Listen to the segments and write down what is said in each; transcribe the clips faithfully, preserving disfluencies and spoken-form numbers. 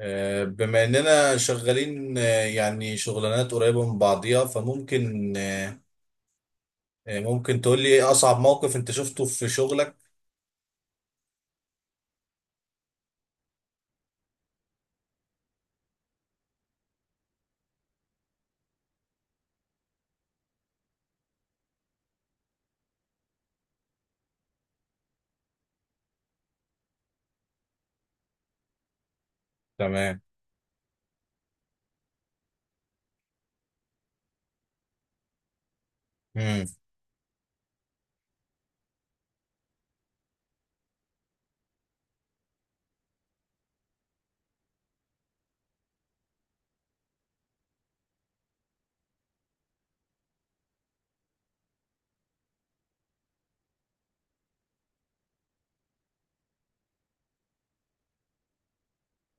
آه، بما اننا شغالين آه، يعني شغلانات قريبة من بعضيها فممكن آه، آه، ممكن تقول لي ايه اصعب موقف انت شفته في شغلك؟ تمام. امم.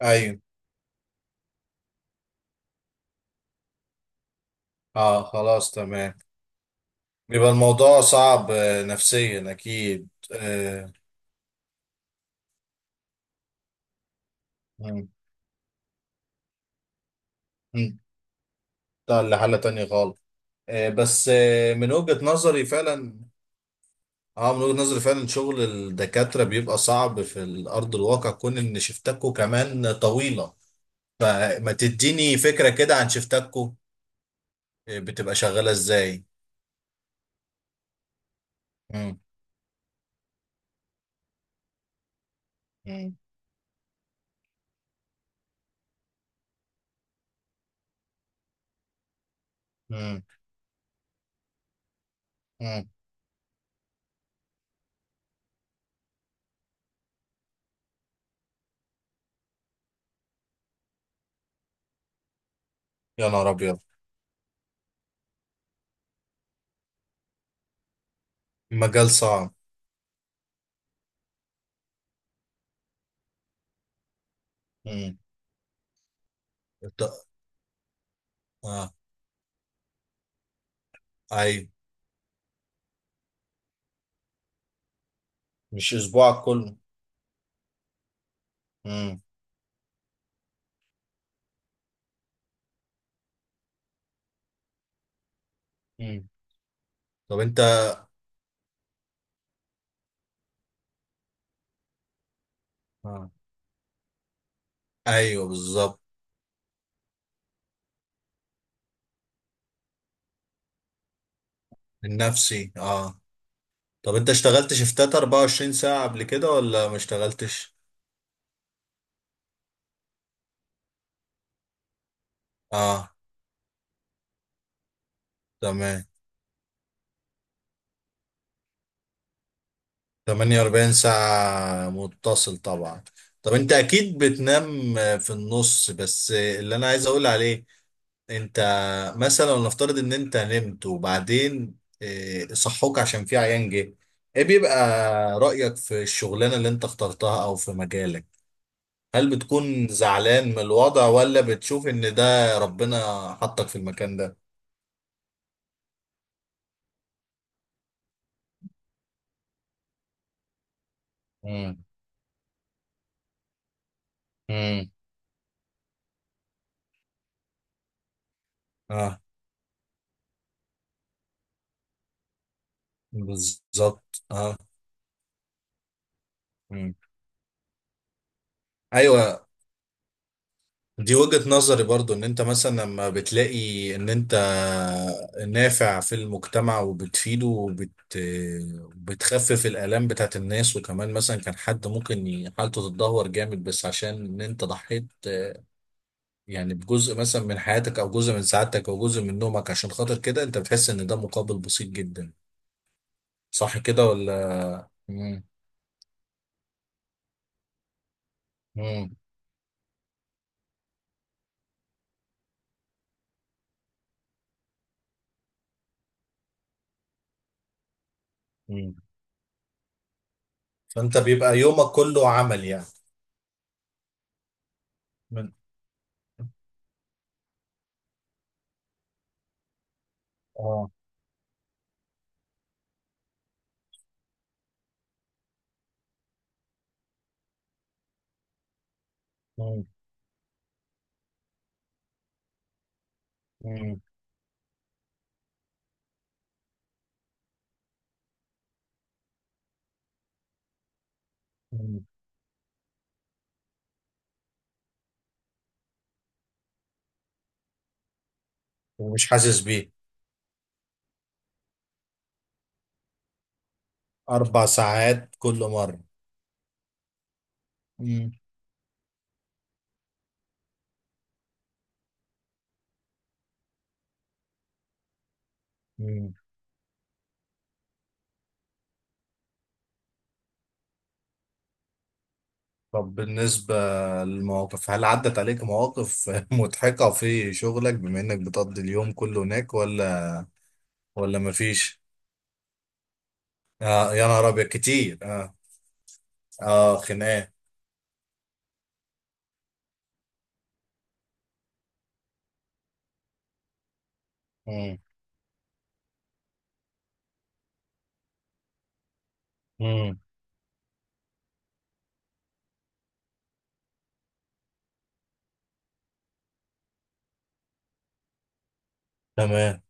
ايوه. اه، خلاص، تمام. بيبقى الموضوع صعب آه، نفسيا اكيد آه، مم، مم. ده لحالة تانية خالص. آه، بس آه، من وجهة نظري فعلا. اه من وجهة نظري فعلا شغل الدكاترة بيبقى صعب في الارض الواقع كون ان شفتكوا كمان طويلة. ما ما تديني فكرة كده عن شفتاتكو. إيه، بتبقى شغالة ازاي؟ مم. مم. مم. مم. يا نهار ابيض. مجال صعب. مم. الط- اه، ايوه. مش اسبوعك كله. مم. مم. طب انت. آه. ايوه بالظبط. النفسي اه. طب انت اشتغلت شفتات 24 ساعة قبل كده ولا ما اشتغلتش؟ اه، تمام. 48 ساعة متصل طبعا. طب انت اكيد بتنام في النص، بس اللي انا عايز اقول عليه انت مثلا نفترض ان انت نمت وبعدين اه، صحوك عشان في عيان جه. ايه بيبقى رأيك في الشغلانة اللي انت اخترتها او في مجالك؟ هل بتكون زعلان من الوضع ولا بتشوف ان ده ربنا حطك في المكان ده؟ امم. امم. اه بالظبط اه. مم. ايوه. دي وجهة نظري برضو ان انت مثلا لما بتلاقي ان انت نافع في المجتمع وبتفيده وبت بتخفف الآلام بتاعت الناس، وكمان مثلا كان حد ممكن ي- حالته تتدهور جامد بس عشان ان انت ضحيت. يعني بجزء مثلا من حياتك او جزء من سعادتك او جزء من نومك، عشان خاطر كده انت بتحس ان ده مقابل بسيط جدا. صح كده ولا؟ مم. مم. مم. فانت بيبقى يومك كله عمل يعني. من- اه. مم. مم. مم. ومش حاسس بيه. أربع ساعات كل مرة. مم. مم. طب بالنسبة للمواقف، هل عدت عليك مواقف مضحكة في شغلك بما إنك بتقضي اليوم كله هناك ولا؟ ولا مفيش؟ آه، يا نهار أبيض كتير آه. آه، خناقة. مم. مم. تمام.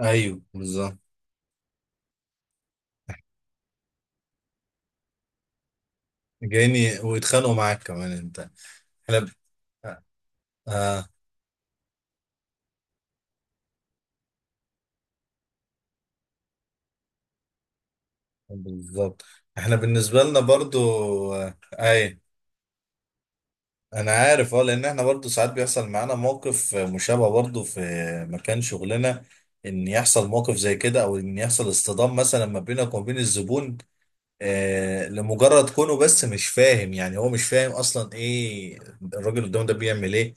أيوه بالظبط. جايني ويتخانقوا معاك كمان أنت؟ إحنا ب- آه. آه، بالظبط. إحنا بالنسبة لنا برضو. آه، أيوه. انا عارف، اه لان احنا برضو ساعات بيحصل معانا موقف مشابه برضو في مكان شغلنا. ان يحصل موقف زي كده او ان يحصل اصطدام مثلا ما بينك وما بين الزبون. آه لمجرد كونه بس مش فاهم، يعني هو مش فاهم اصلا ايه الراجل قدامه ده بيعمل ايه.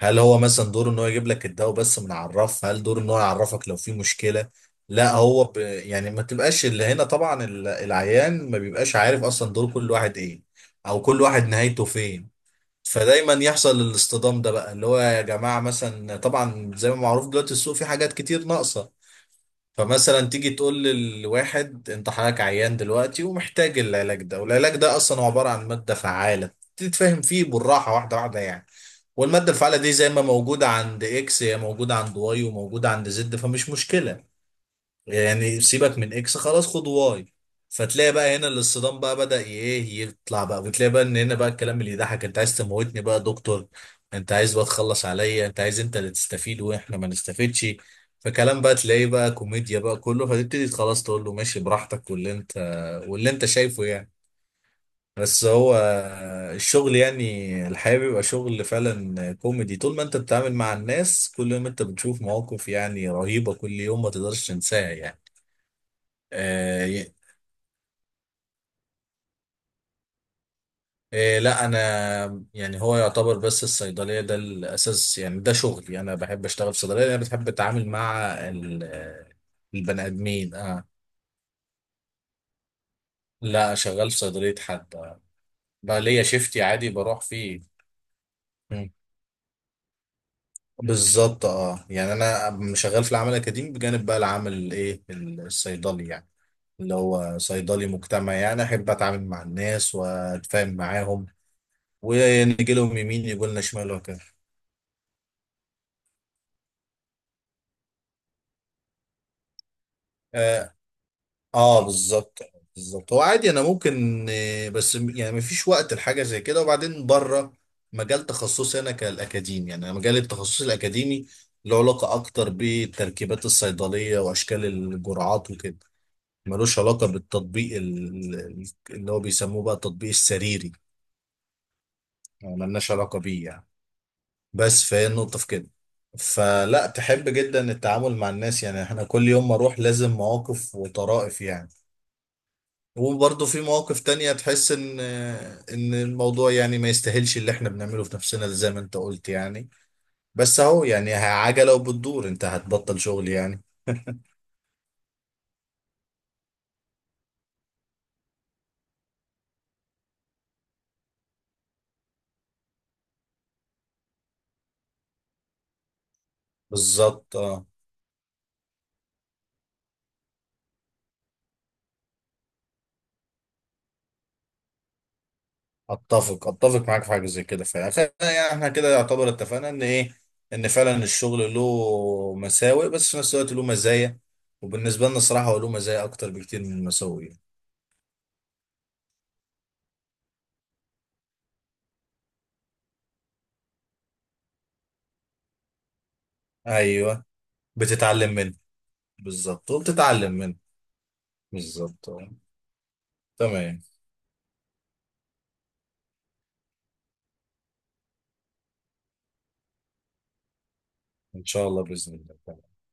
هل هو مثلا دوره ان هو يجيب لك الدواء بس، من عرف؟ هل دوره ان هو يعرفك لو في مشكلة؟ لا هو ب... يعني ما تبقاش اللي هنا طبعا ال- العيان ما بيبقاش عارف اصلا دور كل واحد ايه. او كل واحد نهايته فين. فدايما يحصل الاصطدام ده بقى، اللي هو يا جماعة مثلا طبعا زي ما معروف دلوقتي السوق فيه حاجات كتير ناقصة. فمثلا تيجي تقول للواحد انت حضرتك عيان دلوقتي ومحتاج العلاج ده، والعلاج ده اصلا هو عبارة عن مادة فعالة. تتفهم فيه بالراحة واحدة واحدة يعني. والمادة الفعالة دي زي ما موجودة عند اكس هي موجودة عند واي وموجودة عند زد فمش مشكلة. يعني سيبك من اكس خلاص، خد واي. فتلاقي بقى هنا الاصطدام بقى بدأ ايه يطلع بقى، وتلاقي بقى ان هنا بقى الكلام اللي يضحك، انت عايز تموتني بقى يا دكتور؟ انت عايز بقى تخلص عليا؟ انت عايز انت اللي تستفيد واحنا ما نستفيدش؟ فكلام بقى تلاقيه بقى كوميديا بقى كله، فتبتدي خلاص تقول له ماشي براحتك واللي انت واللي انت شايفه يعني. بس هو الشغل يعني الحقيقة بيبقى شغل فعلا كوميدي. طول ما انت بتتعامل مع الناس كل يوم انت بتشوف مواقف يعني رهيبة كل يوم ما تقدرش تنساها يعني. آه. آه لا انا. يعني هو يعتبر بس الصيدليه ده الاساس يعني ده شغلي، انا بحب اشتغل في صيدليه، انا بتحب اتعامل مع ال- آه، البني ادمين اه. لا، شغال في صيدليه حد آه. بقى ليا شيفتي عادي بروح فيه. مم. بالظبط اه، يعني انا شغال في العمل الاكاديمي بجانب بقى العمل الايه الصيدلي يعني. اللي هو صيدلي مجتمعي، يعني احب اتعامل مع الناس واتفاهم معاهم. ونيجي لهم يمين يقول لنا شمال وكده. اه بالظبط. بالظبط، هو عادي انا ممكن آه، بس م- يعني مفيش وقت لحاجه زي كده، وبعدين بره. مجال تخصصي انا كالاكاديمي، يعني أنا مجال التخصص الاكاديمي له علاقه اكتر بالتركيبات الصيدليه واشكال الجرعات وكده. ملوش علاقه بالتطبيق ال- ال- اللي هو بيسموه بقى التطبيق السريري. يعني ملناش علاقه بيه يعني. بس فهي النقطه في كده. فلا، تحب جدا التعامل مع الناس، يعني احنا كل يوم ما اروح لازم مواقف وطرائف يعني. وبرضه في مواقف تانية تحس ان ان الموضوع يعني ما يستاهلش اللي احنا بنعمله في نفسنا، زي ما انت قلت يعني. بس اهو يعني عجلة وبتدور، انت هتبطل شغل يعني؟ بالظبط اه. اتفق اتفق معاك في حاجة زي كده فعلا خ- يعني احنا كده يعتبر اتفقنا ان ايه. ان فعلا الشغل له مساوئ بس في نفس الوقت له مزايا. وبالنسبة لنا الصراحة هو له مزايا اكتر بكتير من المساوئ يعني. ايوه. بتتعلم منه. بالظبط وبتتعلم منه. بالظبط آه. تمام. ان شاء الله باذن الله.